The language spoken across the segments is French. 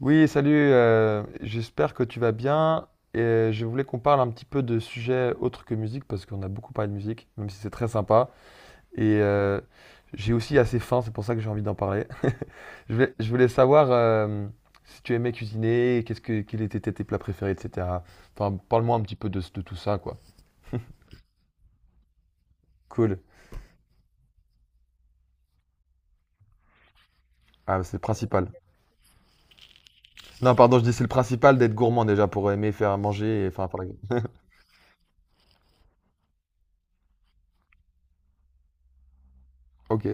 Oui, salut, j'espère que tu vas bien. Et je voulais qu'on parle un petit peu de sujets autres que musique, parce qu'on a beaucoup parlé de musique, même si c'est très sympa. Et j'ai aussi assez faim, c'est pour ça que j'ai envie d'en parler. Je voulais savoir si tu aimais cuisiner, qu'est-ce que, quels étaient tes plats préférés, etc. Enfin, parle-moi un petit peu de tout ça, quoi. Cool. Ah, c'est le principal. Non, pardon, je dis c'est le principal d'être gourmand déjà pour aimer faire à manger et enfin. Ok.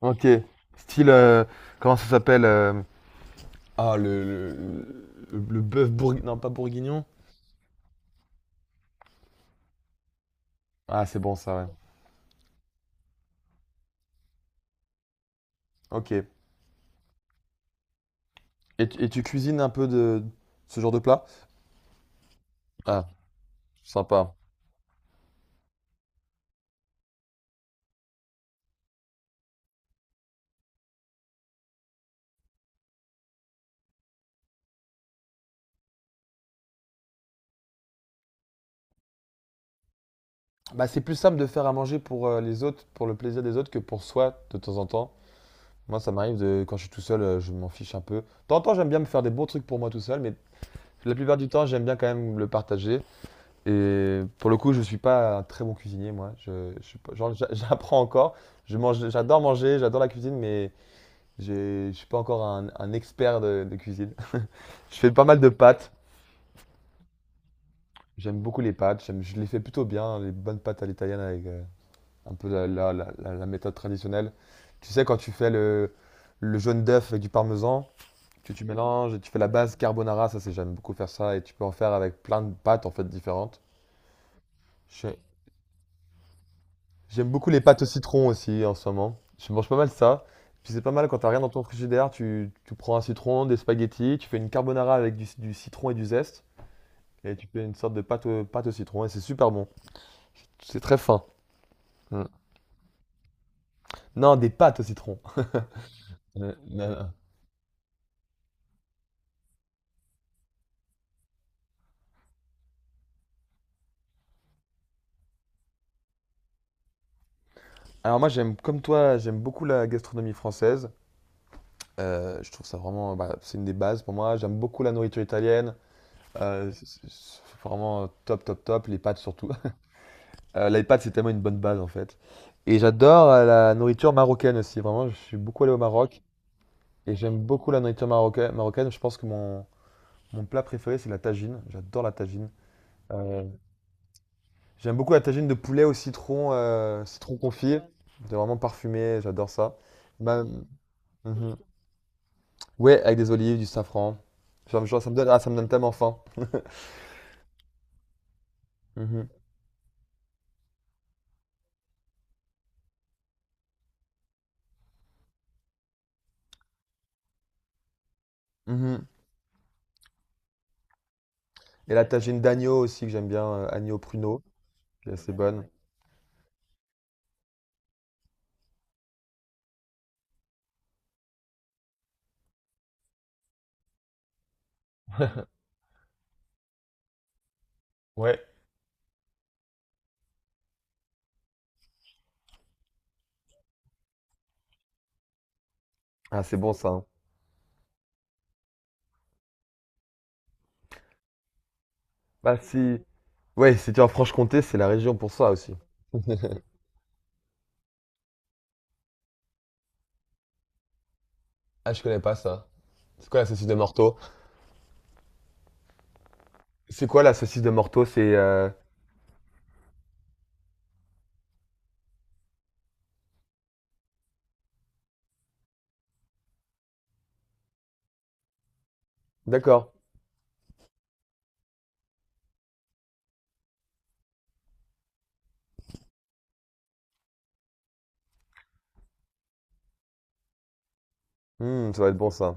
Ok. Style, comment ça s'appelle? Ah, le bœuf bourguignon. Non, pas bourguignon. Ah, c'est bon ça, ouais. Ok. Et tu cuisines un peu de ce genre de plat? Ah, sympa. Bah, c'est plus simple de faire à manger pour les autres, pour le plaisir des autres, que pour soi de temps en temps. Moi, ça m'arrive quand je suis tout seul, je m'en fiche un peu. De temps en temps, j'aime bien me faire des bons trucs pour moi tout seul, mais la plupart du temps, j'aime bien quand même le partager. Et pour le coup, je suis pas un très bon cuisinier, moi. Je suis pas- genre, j'apprends encore. Je mange, j'adore manger, j'adore la cuisine, mais je suis pas encore un expert de cuisine. Je fais pas mal de pâtes. J'aime beaucoup les pâtes. Je les fais plutôt bien, les bonnes pâtes à l'italienne avec un peu la méthode traditionnelle. Tu sais, quand tu fais le jaune d'œuf avec du parmesan, que tu mélanges et tu fais la base carbonara, ça c'est j'aime beaucoup faire ça et tu peux en faire avec plein de pâtes en fait différentes. Je- J'aime beaucoup les pâtes au citron aussi en ce moment. Je mange pas mal ça. Puis c'est pas mal quand t'as rien dans ton frigidaire, tu prends un citron, des spaghettis, tu fais une carbonara avec du citron et du zeste. Et tu fais une sorte de pâte au citron et c'est super bon. C'est très fin. Mm. Non, des pâtes au citron. Non, non. Alors moi j'aime comme toi, j'aime beaucoup la gastronomie française. Je trouve ça vraiment, bah, c'est une des bases pour moi. J'aime beaucoup la nourriture italienne. C'est vraiment top, top, top. Les pâtes surtout. Les pâtes c'est tellement une bonne base en fait. Et j'adore la nourriture marocaine aussi. Vraiment, je suis beaucoup allé au Maroc et j'aime beaucoup la nourriture marocaine. Je pense que mon plat préféré c'est la tagine. J'adore la tagine. Euh, J'aime beaucoup la tagine de poulet au citron, citron confit. C'est vraiment parfumé, j'adore ça. Ma- mhm. Ouais, avec des olives, du safran. Genre, ça me donne tellement faim. Mhm, mhm. Et la tagine d'agneau aussi, que j'aime bien, agneau pruneau, qui est assez bonne. Ouais. Ah, c'est bon ça, hein. Bah si. Ouais, si tu es en Franche-Comté, c'est la région pour ça aussi. Ah, je connais pas ça. C'est quoi la saucisse de Morteau? C'est quoi la saucisse de Morteau? D'accord. Hmm, ça va être bon ça.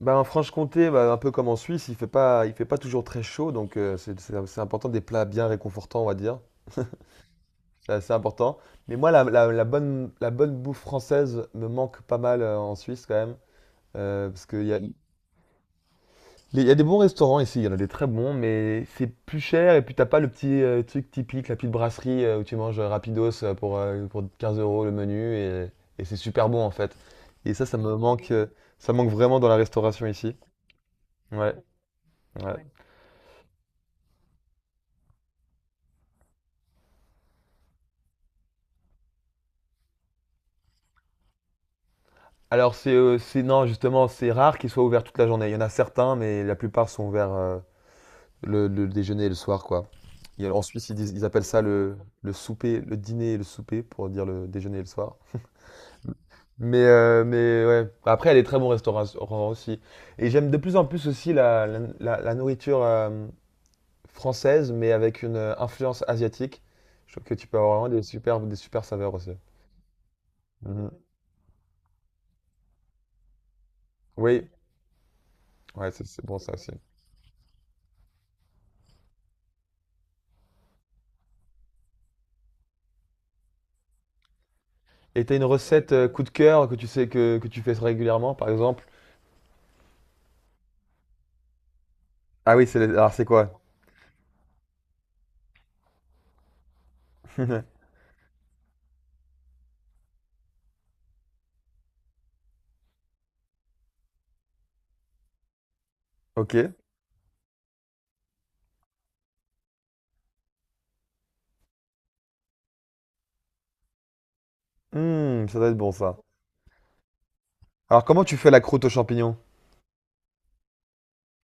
Bah, en Franche-Comté, bah, un peu comme en Suisse, il fait pas toujours très chaud, donc c'est important des plats bien réconfortants, on va dire. C'est assez important. Mais moi, la bonne bouffe française me manque pas mal en Suisse quand même. Parce qu'il y a des bons restaurants ici, il y en a des très bons, mais c'est plus cher et puis t'as pas le petit truc typique, la petite brasserie où tu manges rapidos pour 15 euros le menu et c'est super bon en fait. Et ça me manque, ça manque vraiment dans la restauration ici. Ouais, ouais. Alors non justement c'est rare qu'ils soient ouverts toute la journée. Il y en a certains, mais la plupart sont ouverts le déjeuner et le soir quoi. En Suisse ils appellent ça le souper, le dîner et le souper pour dire le déjeuner et le soir. Mais ouais. Après il y a des très bons restaurants aussi. Et j'aime de plus en plus aussi la nourriture française, mais avec une influence asiatique. Je trouve que tu peux avoir vraiment des super saveurs aussi. Mhm. Oui, ouais c'est bon ça aussi. Et t'as une recette coup de cœur que tu sais que tu fais régulièrement, par exemple? Ah oui, alors c'est quoi? Ok. Hmm, ça doit être bon ça. Alors comment tu fais la croûte aux champignons?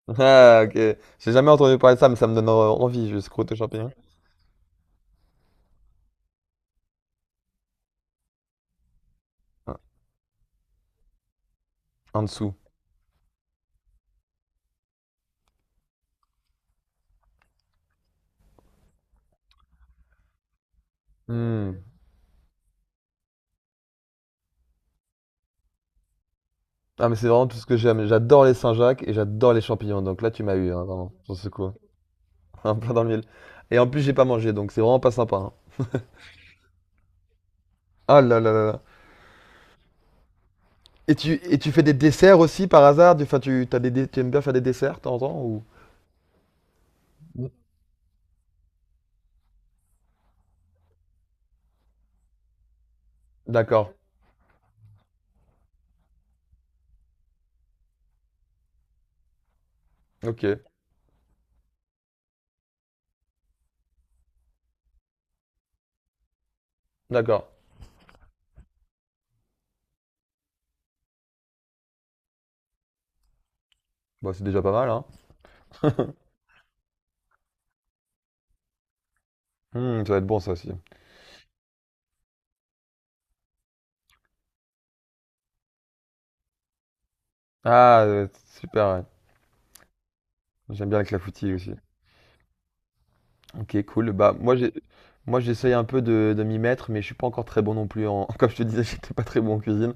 Ah ok. J'ai jamais entendu parler de ça, mais ça me donne envie, juste croûte aux champignons. Ah, en dessous. Hmm. Ah mais c'est vraiment tout ce que j'aime. J'adore les Saint-Jacques et j'adore les champignons. Donc là tu m'as eu, hein, vraiment, sur ce coup. Un plat dans le mille. Et en plus j'ai pas mangé, donc c'est vraiment pas sympa, hein. Ah là là là là. Et tu fais des desserts aussi par hasard? Enfin, tu aimes bien faire des desserts de temps en temps ou? D'accord. Ok. D'accord. Bah, c'est déjà pas mal, hein. Hmm, ça va être bon, ça aussi. Ah, ça va être super, ouais. J'aime bien la clafoutis aussi. Ok, cool. Bah, moi, j'essaye un peu de m'y mettre, mais je suis pas encore très bon non plus comme je te disais, j'étais pas très bon en cuisine.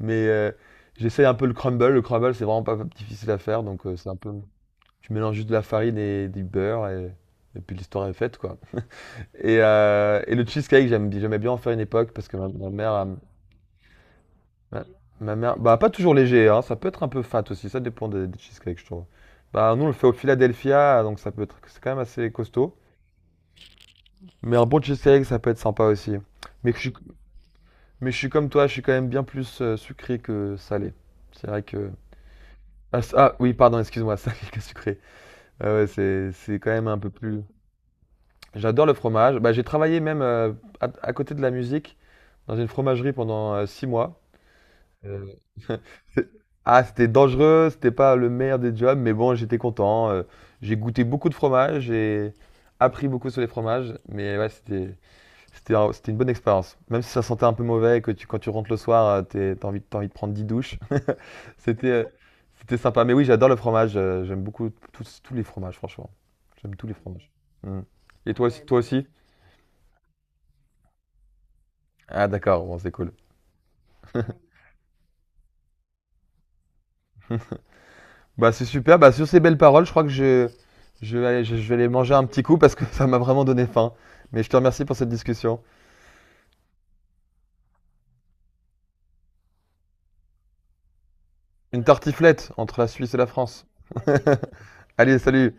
Mais j'essaye un peu le crumble. Le crumble, c'est vraiment pas difficile à faire, donc c'est un peu, tu mélanges juste de la farine et du beurre et puis l'histoire est faite, quoi. Et le cheesecake, j'aimais bien en faire une époque parce que ma mère, Ma, ma mère, bah pas toujours léger, hein, ça peut être un peu fat aussi, ça dépend des cheesecakes, je trouve. Bah nous on le fait au Philadelphia, donc ça peut être, c'est quand même assez costaud. Mais un bon cheesecake, ça peut être sympa aussi. Mais je suis, mais je suis comme toi, je suis quand même bien plus sucré que salé. C'est vrai que... Ah, oui, pardon, excuse-moi, salé que sucré. Ouais, ouais, c'est quand même un peu plus... J'adore le fromage. Bah j'ai travaillé même à côté de la musique dans une fromagerie pendant 6 mois. C'est- Ah, c'était dangereux, c'était pas le meilleur des jobs, mais bon, j'étais content. J'ai goûté beaucoup de fromages, j'ai appris beaucoup sur les fromages, mais ouais, c'était une bonne expérience. Même si ça sentait un peu mauvais et que tu, quand tu rentres le soir, t'as envie de prendre 10 douches, c'était euh, c'était sympa. Mais oui, j'adore le fromage, j'aime beaucoup tous les fromages, franchement. J'aime tous les fromages. Mm. Et toi aussi, ouais, toi aussi? Ah, d'accord, bon, c'est cool. Bah, c'est super. Bah, sur ces belles paroles, je crois que je vais aller manger un petit coup parce que ça m'a vraiment donné faim. Mais je te remercie pour cette discussion. Une tartiflette entre la Suisse et la France. Allez, salut!